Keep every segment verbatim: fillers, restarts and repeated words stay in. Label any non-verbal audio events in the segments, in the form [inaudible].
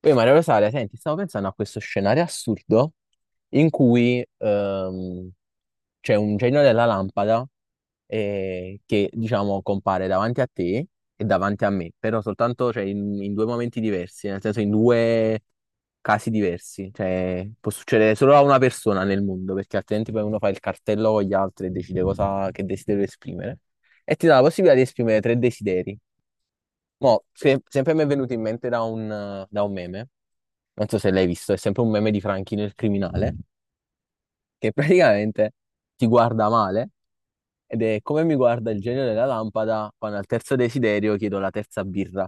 Poi Maria Rosaria, senti, stavo pensando a questo scenario assurdo in cui ehm, c'è un genio della lampada eh, che, diciamo, compare davanti a te e davanti a me, però soltanto cioè, in, in due momenti diversi, nel senso in due casi diversi. Cioè, può succedere solo a una persona nel mondo, perché altrimenti poi uno fa il cartello con gli altri e decide cosa, che desiderio esprimere. E ti dà la possibilità di esprimere tre desideri. Mo, se- sempre mi è venuto in mente da un da un meme, non so se l'hai visto, è sempre un meme di Franchino il criminale, che praticamente ti guarda male ed è come mi guarda il genio della lampada quando al terzo desiderio chiedo la terza birra.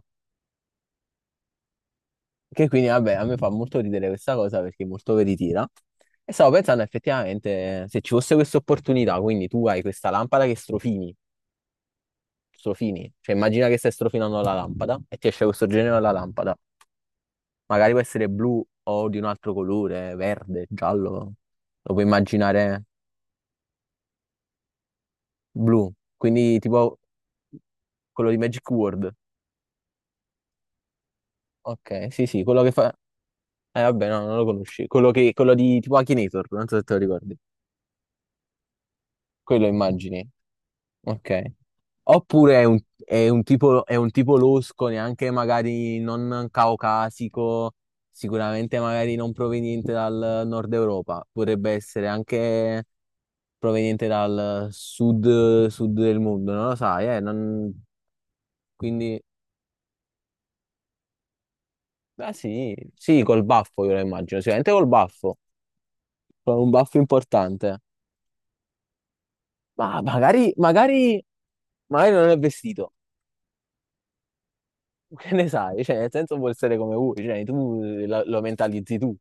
Che quindi, vabbè, a me fa molto ridere questa cosa perché è molto veritiera. E stavo pensando effettivamente se ci fosse questa opportunità, quindi tu hai questa lampada che strofini, strofini, cioè immagina che stai strofinando la lampada e ti esce questo genio della lampada, magari può essere blu o di un altro colore, verde, giallo, lo puoi immaginare. Blu, quindi tipo quello di Magic World. Ok, sì, sì, quello che fa... Eh, vabbè, no, non lo conosci. Quello che... quello di tipo Akinator, non so se te lo ricordi. Quello immagini. Ok. Oppure è un, è un tipo, è un tipo losco, neanche magari non caucasico, sicuramente magari non proveniente dal nord Europa, potrebbe essere anche proveniente dal sud, sud del mondo, non lo sai, eh? non- quindi... Ah sì, sì, col baffo io lo immagino, sicuramente col baffo, con un baffo importante. Ma magari, magari, magari non è vestito, [laughs] che ne sai? Cioè, nel senso può essere come vuoi, cioè, tu lo, lo mentalizzi tu.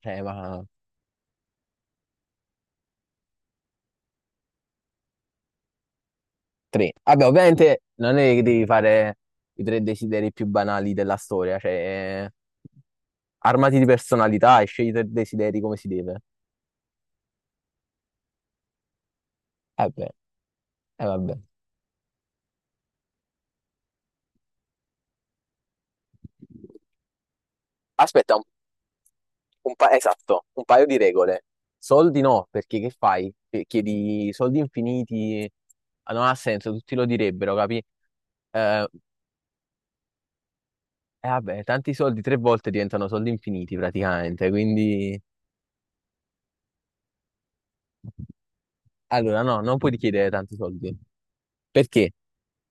Cioè, ma tre. Vabbè, ovviamente non è che devi fare i tre desideri più banali della storia, cioè, armati di personalità e scegli i tre desideri come si deve. Eh beh, eh vabbè. Aspetta, Un pa- esatto, un paio di regole. Soldi no, perché che fai? Che- Chiedi soldi infiniti, ah, non ha senso, tutti lo direbbero, capi? Eh, e vabbè, tanti soldi tre volte diventano soldi infiniti praticamente, quindi allora no, non puoi chiedere tanti soldi. Perché?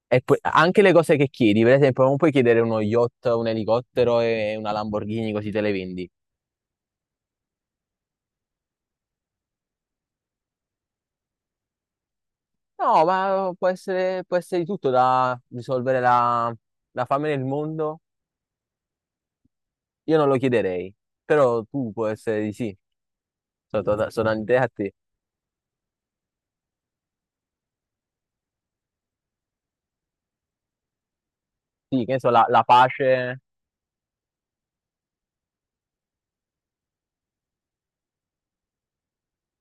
E poi- anche le cose che chiedi, per esempio, non puoi chiedere uno yacht, un elicottero e una Lamborghini così te le vendi. No, ma può essere, può essere di tutto, da risolvere la, la fame nel mondo. Io non lo chiederei, però tu può essere di sì, sono, sono un'idea a te. Sì, che ne so, la, la pace,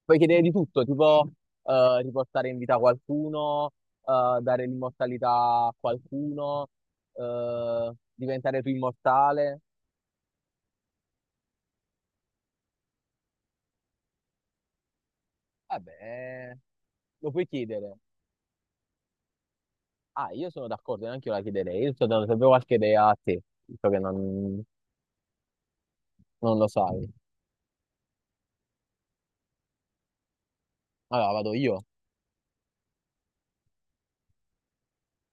puoi chiedere di tutto, tipo eh, riportare in vita qualcuno, eh, dare l'immortalità a qualcuno, eh, diventare tu immortale. Vabbè, lo puoi chiedere. Ah, io sono d'accordo, neanche io la chiederei, io sto dando sempre qualche idea a te, visto che non, non lo sai. Allora, vado io.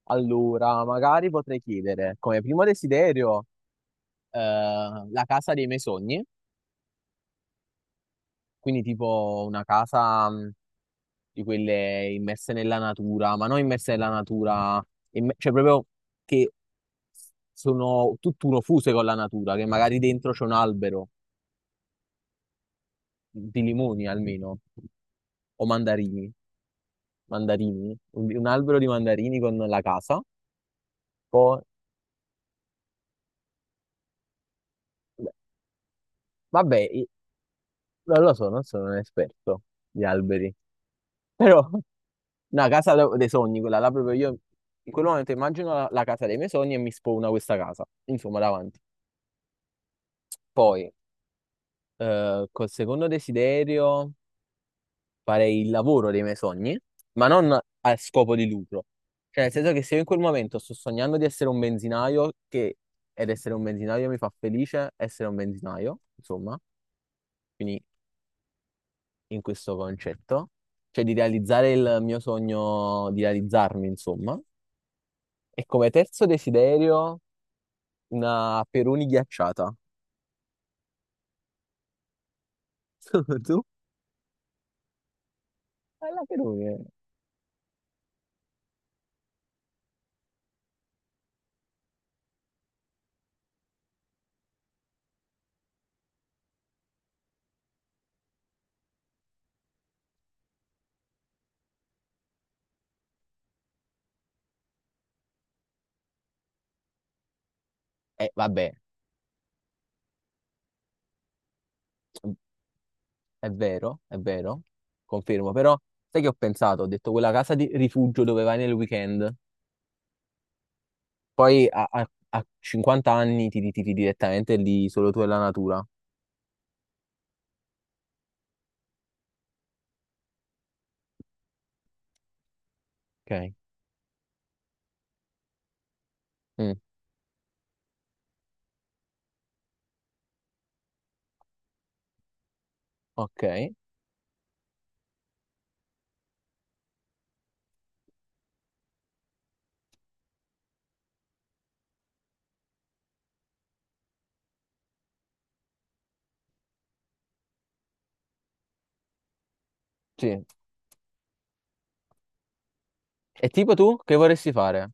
Allora, magari potrei chiedere come primo desiderio, eh, la casa dei miei sogni, quindi tipo una casa mh, di quelle immerse nella natura, ma non immerse nella natura, imme- cioè proprio che sono tutt'uno, fuse con la natura, che magari dentro c'è un albero di limoni almeno, o mandarini, mandarini, un, un albero di mandarini con la casa. Poi, beh, vabbè, i- non lo so, non sono un esperto di alberi, però [laughs] una casa de- dei sogni, quella là proprio, io in quel momento immagino la, la casa dei miei sogni e mi spawna questa casa, insomma, davanti. Poi, eh, col secondo desiderio, farei il lavoro dei miei sogni, ma non a scopo di lucro. Cioè, nel senso che se io in quel momento sto sognando di essere un benzinaio, che ed essere un benzinaio mi fa felice, essere un benzinaio, insomma, quindi in questo concetto, cioè di realizzare il mio sogno, di realizzarmi, insomma. E come terzo desiderio... Una Peroni ghiacciata. [laughs] Tu? Eh, la Peroni. Eh, Eh, vabbè, è vero, è vero, confermo, però sai che ho pensato? Ho detto quella casa di rifugio dove vai nel weekend, poi a, a- a cinquanta anni ti ritiri direttamente lì, solo tu e la natura. Ok. Mm, ok, sì. E tipo tu, che vorresti fare?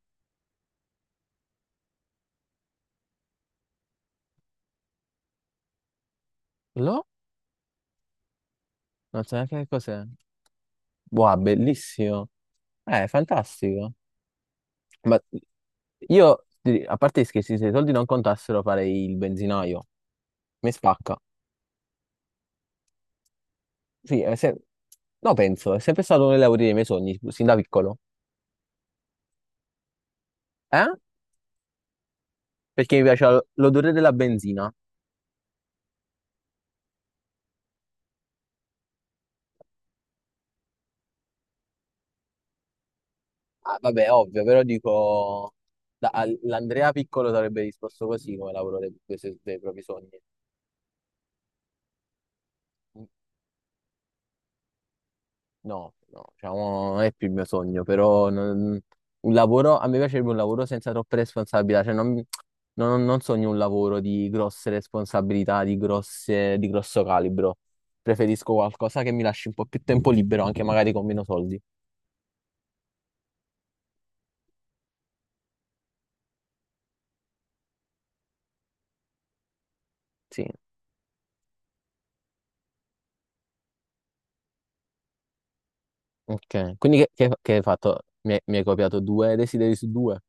Lo? Non so neanche che cos'è. Wow, bellissimo. Eh, fantastico. Ma io, ti- a parte gli scherzi, se i soldi non contassero farei il benzinaio. Mi spacca. Sì, è se- no, penso, è sempre stato uno dei lavori dei miei sogni, sin da piccolo. Eh? Perché mi piaceva l- l'odore della benzina. Ah, vabbè, ovvio, però dico... da- al- L'Andrea piccolo sarebbe risposto così come lavoro dei, dei suoi- dei propri sogni. No, no, diciamo, non è più il mio sogno, però non- un lavoro, a me piacerebbe un lavoro senza troppe responsabilità, cioè non, non- non sogno un lavoro di grosse responsabilità, di grosse- di grosso calibro. Preferisco qualcosa che mi lasci un po' più tempo libero, anche magari con meno soldi. Sì, ok. Quindi che, che- che hai fatto? Mi, hai, mi hai copiato due desideri su due,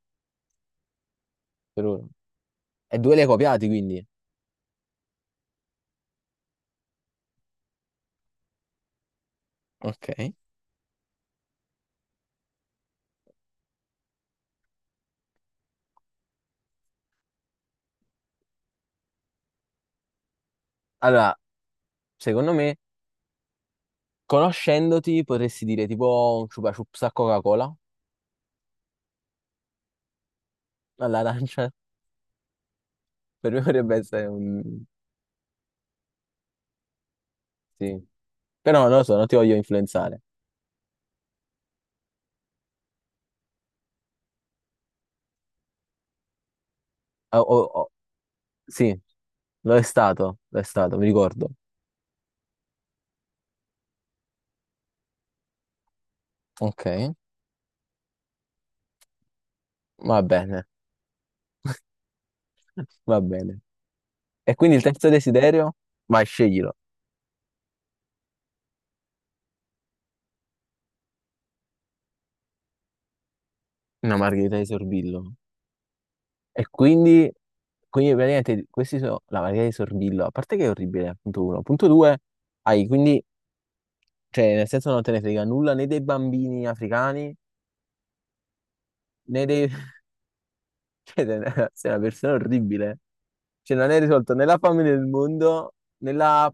per ora. E due li hai copiati, quindi. Ok. Allora, secondo me, conoscendoti, potresti dire tipo un chupa chups a Coca-Cola, all'arancia. Per me potrebbe essere un... Sì. Però non lo so, non ti voglio influenzare. Ah, oh, oh, sì, lo è stato, lo è stato, mi ricordo. Ok, va bene, [laughs] va bene. E quindi il terzo desiderio? Vai, sceglilo. Una margherita di Sorbillo. E quindi, quindi praticamente questi sono la margherita di Sorbillo. A parte che è orribile, punto uno. Punto due, hai quindi, cioè nel senso non te ne frega nulla né dei bambini africani, né dei... [laughs] Cioè, sei una persona orribile. Cioè, non è risolto né la fame nel mondo, né la,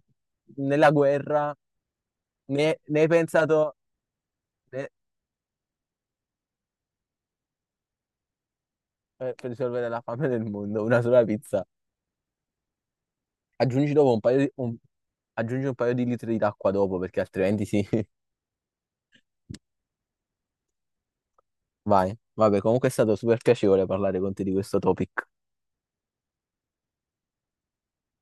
né la guerra, né, né hai pensato né- eh, per risolvere la fame nel mondo, una sola pizza. Aggiungi dopo un paio di, un- aggiungi un paio di litri d'acqua dopo, perché altrimenti sì. [laughs] Vai. Vabbè, comunque è stato super piacevole parlare con te di questo topic.